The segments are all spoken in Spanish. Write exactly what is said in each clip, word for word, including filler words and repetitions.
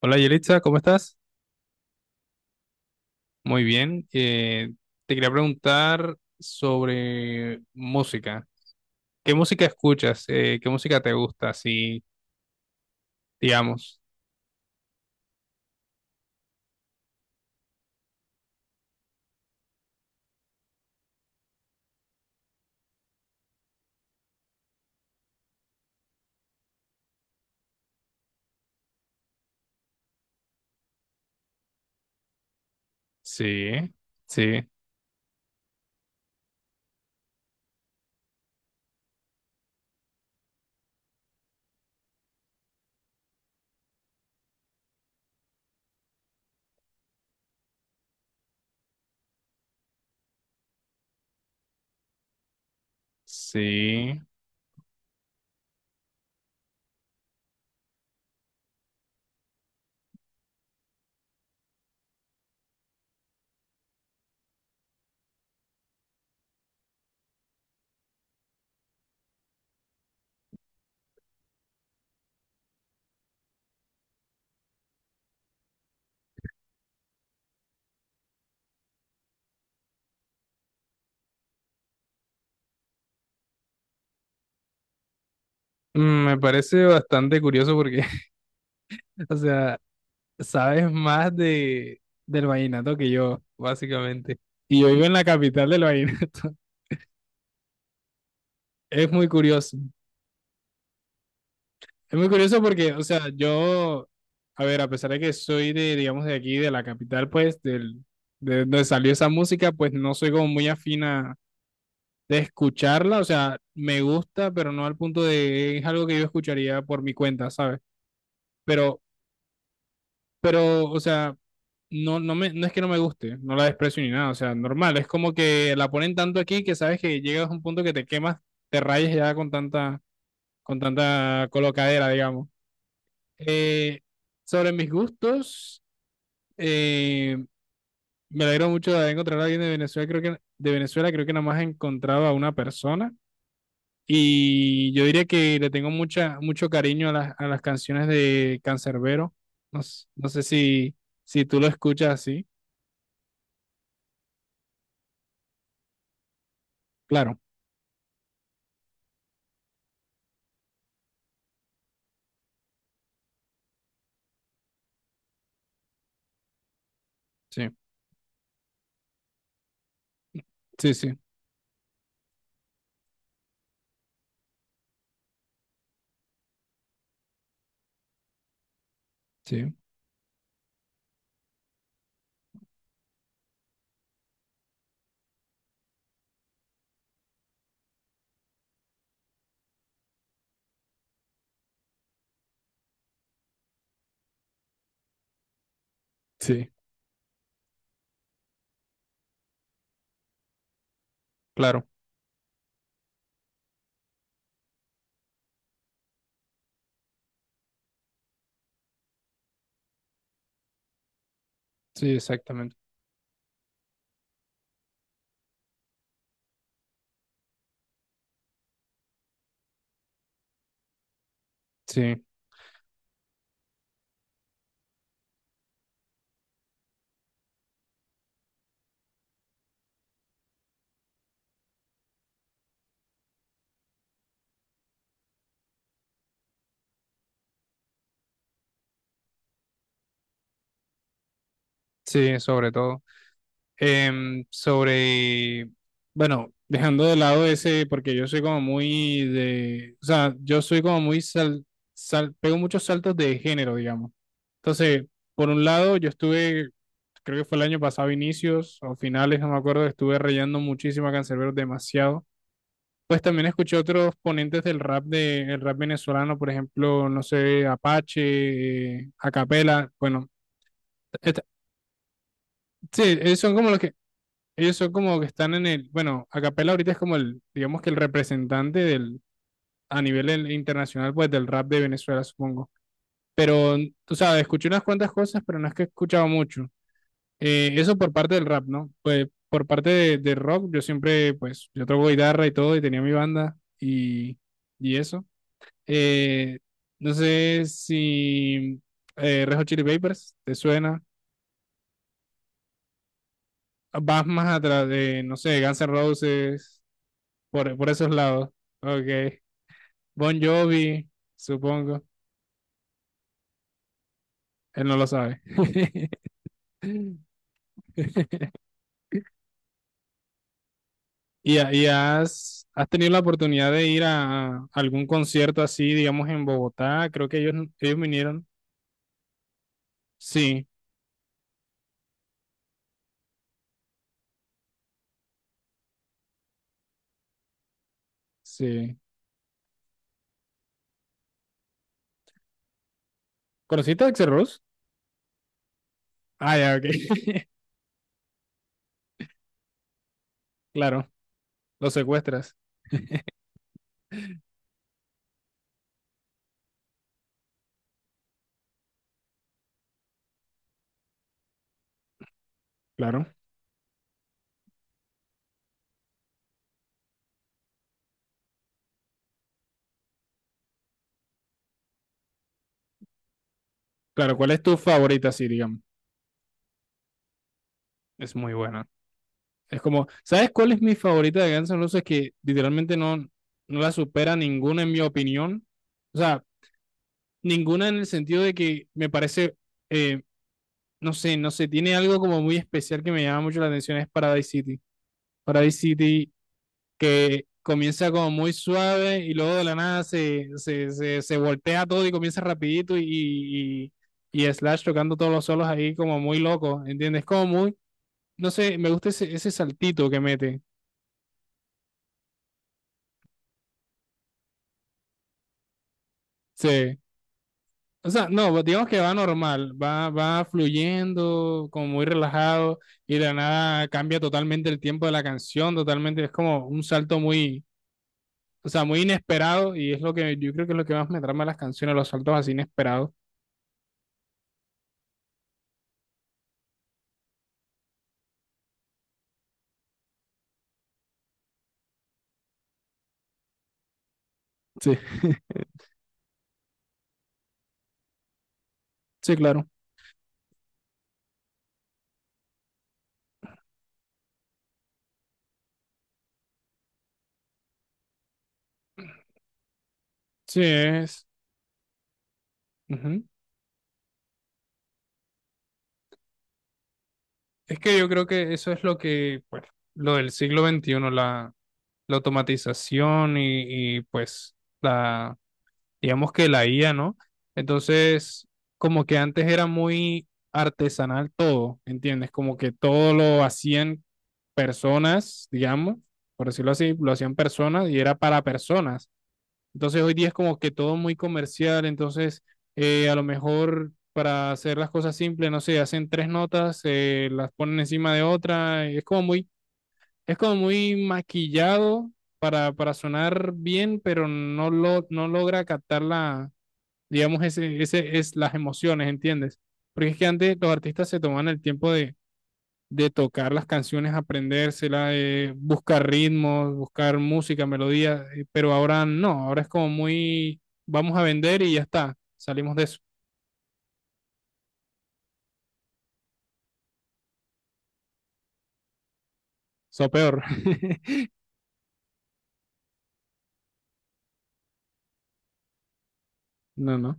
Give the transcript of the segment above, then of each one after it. Hola Yelitza, ¿cómo estás? Muy bien. Eh, te quería preguntar sobre música. ¿Qué música escuchas? Eh, ¿qué música te gusta? Sí, digamos. Sí, sí, sí. Mm, me parece bastante curioso porque, o sea, sabes más de, del vallenato que yo, básicamente. Y yo vivo en la capital del vallenato. Es muy curioso. Es muy curioso porque, o sea, yo, a ver, a pesar de que soy de, digamos, de aquí, de la capital, pues, del, de donde salió esa música, pues no soy como muy afina de escucharla, o sea, me gusta, pero no al punto de, es algo que yo escucharía por mi cuenta, ¿sabes? Pero, pero, o sea, no, no me, no es que no me guste, no la desprecio ni nada, o sea, normal, es como que la ponen tanto aquí que sabes que llegas a un punto que te quemas, te rayes ya con tanta, con tanta colocadera, digamos. Eh, Sobre mis gustos, eh, me alegro mucho de haber encontrado a alguien de Venezuela. Creo que de Venezuela creo que nada más he encontrado a una persona. Y yo diría que le tengo mucha, mucho cariño a las, a las canciones de Canserbero. No, s- no sé si, si tú lo escuchas así. Claro, sí, sí, sí, sí, sí, claro, sí, exactamente. Sí, sí, sobre todo. Em, sobre, bueno, dejando de lado ese, porque yo soy como muy de, o sea, yo soy como muy sal, sal- pego muchos saltos de género, digamos. Entonces, por un lado, yo estuve, creo que fue el año pasado, inicios o finales, no me acuerdo, estuve rayando muchísimo a Canserbero, demasiado. Pues también escuché otros ponentes del rap de, el rap venezolano, por ejemplo, no sé, Apache, eh, Acapela, bueno, et- sí, esos son como los que ellos son como que están en el, bueno, acapella ahorita es como el, digamos que el representante del, a nivel el- internacional, pues del rap de Venezuela, supongo. Pero, tú sabes, escuché unas cuantas cosas, pero no es que he escuchado mucho. Eh, eso por parte del rap, ¿no? Pues por parte de, de rock, yo siempre, pues, yo toco guitarra y todo, y tenía mi banda y, y eso. Eh, no sé si eh, Red Hot Chili Peppers te suena. Vas más atrás de, no sé, Guns N' Roses, por, por esos lados. Ok. Bon Jovi, supongo. Él no lo sabe. ¿Y, ha- y has, has tenido la oportunidad de ir a, a algún concierto así, digamos, en Bogotá? Creo que ellos, ellos vinieron. Sí, sí. ¿Conociste a Axl Rose? Ah, ya, ok. Claro, lo secuestras. Claro. Claro, ¿cuál es tu favorita? Sí, digamos. Es muy buena. Es como, ¿sabes cuál es mi favorita de Guns N' Roses? Que literalmente no, no la supera ninguna en mi opinión. O sea, ninguna en el sentido de que me parece, eh, no sé, no sé, tiene algo como muy especial que me llama mucho la atención, es Paradise City. Paradise City que comienza como muy suave y luego de la nada se, se, se, se voltea todo y comienza rapidito y, y, y Slash tocando todos los solos ahí como muy loco, ¿entiendes? Como muy, no sé, me gusta ese, ese saltito que mete. Sí. O sea, no, pues, digamos que va normal, va, va fluyendo, como muy relajado, y de la nada cambia totalmente el tiempo de la canción, totalmente, es como un salto muy, o sea, muy inesperado, y es lo que yo creo que es lo que más me trama de las canciones, los saltos así inesperados. Sí, sí, claro. Sí, es. Ujú. Es que yo creo que eso es lo que, pues, lo del siglo veintiuno, la, la automatización y, y, pues la, digamos que la I A, ¿no? Entonces, como que antes era muy artesanal todo, ¿entiendes? Como que todo lo hacían personas, digamos, por decirlo así, lo hacían personas y era para personas. Entonces, hoy día es como que todo muy comercial, entonces, eh, a lo mejor para hacer las cosas simples, no sé, hacen tres notas, eh, las ponen encima de otra, es como muy, es como muy maquillado. Para, para sonar bien, pero no, lo, no logra captar la, digamos, ese, ese es las emociones, ¿entiendes? Porque es que antes los artistas se tomaban el tiempo de, de tocar las canciones, aprendérselas, de buscar ritmos, buscar música, melodías eh, pero ahora no, ahora es como muy, vamos a vender y ya está, salimos de eso, eso peor. No, no,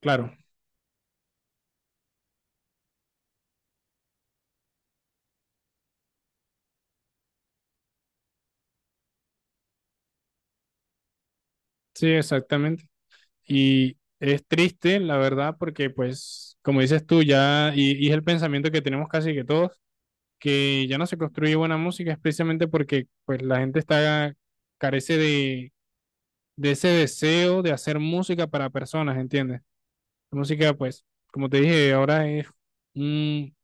claro, sí, exactamente. Y es triste, la verdad, porque pues, como dices tú, ya, y, y es el pensamiento que tenemos casi que todos, que ya no se construye buena música es precisamente porque pues la gente está carece de, de ese deseo de hacer música para personas, ¿entiendes? La música, pues, como te dije, ahora es un,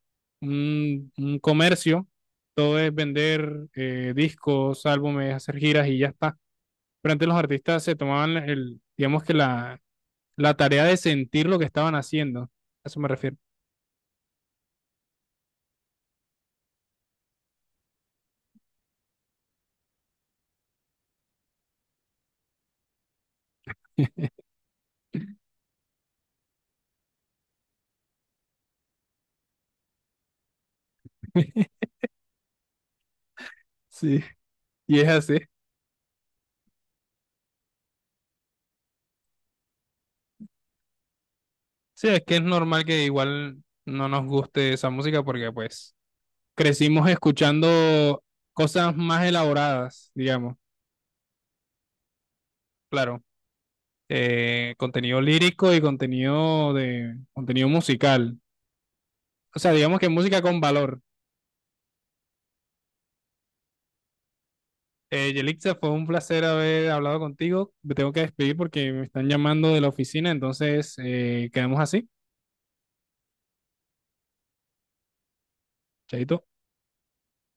un, un comercio, todo es vender eh, discos, álbumes, hacer giras y ya está. Pero antes los artistas se tomaban el, digamos que la, la tarea de sentir lo que estaban haciendo, a eso me refiero. Sí, y es así. Sí, es que es normal que igual no nos guste esa música porque pues crecimos escuchando cosas más elaboradas, digamos, claro, eh, contenido lírico y contenido de contenido musical, o sea, digamos que música con valor. Eh, Yelixa, fue un placer haber hablado contigo. Me tengo que despedir porque me están llamando de la oficina, entonces eh, quedamos así. Chaito.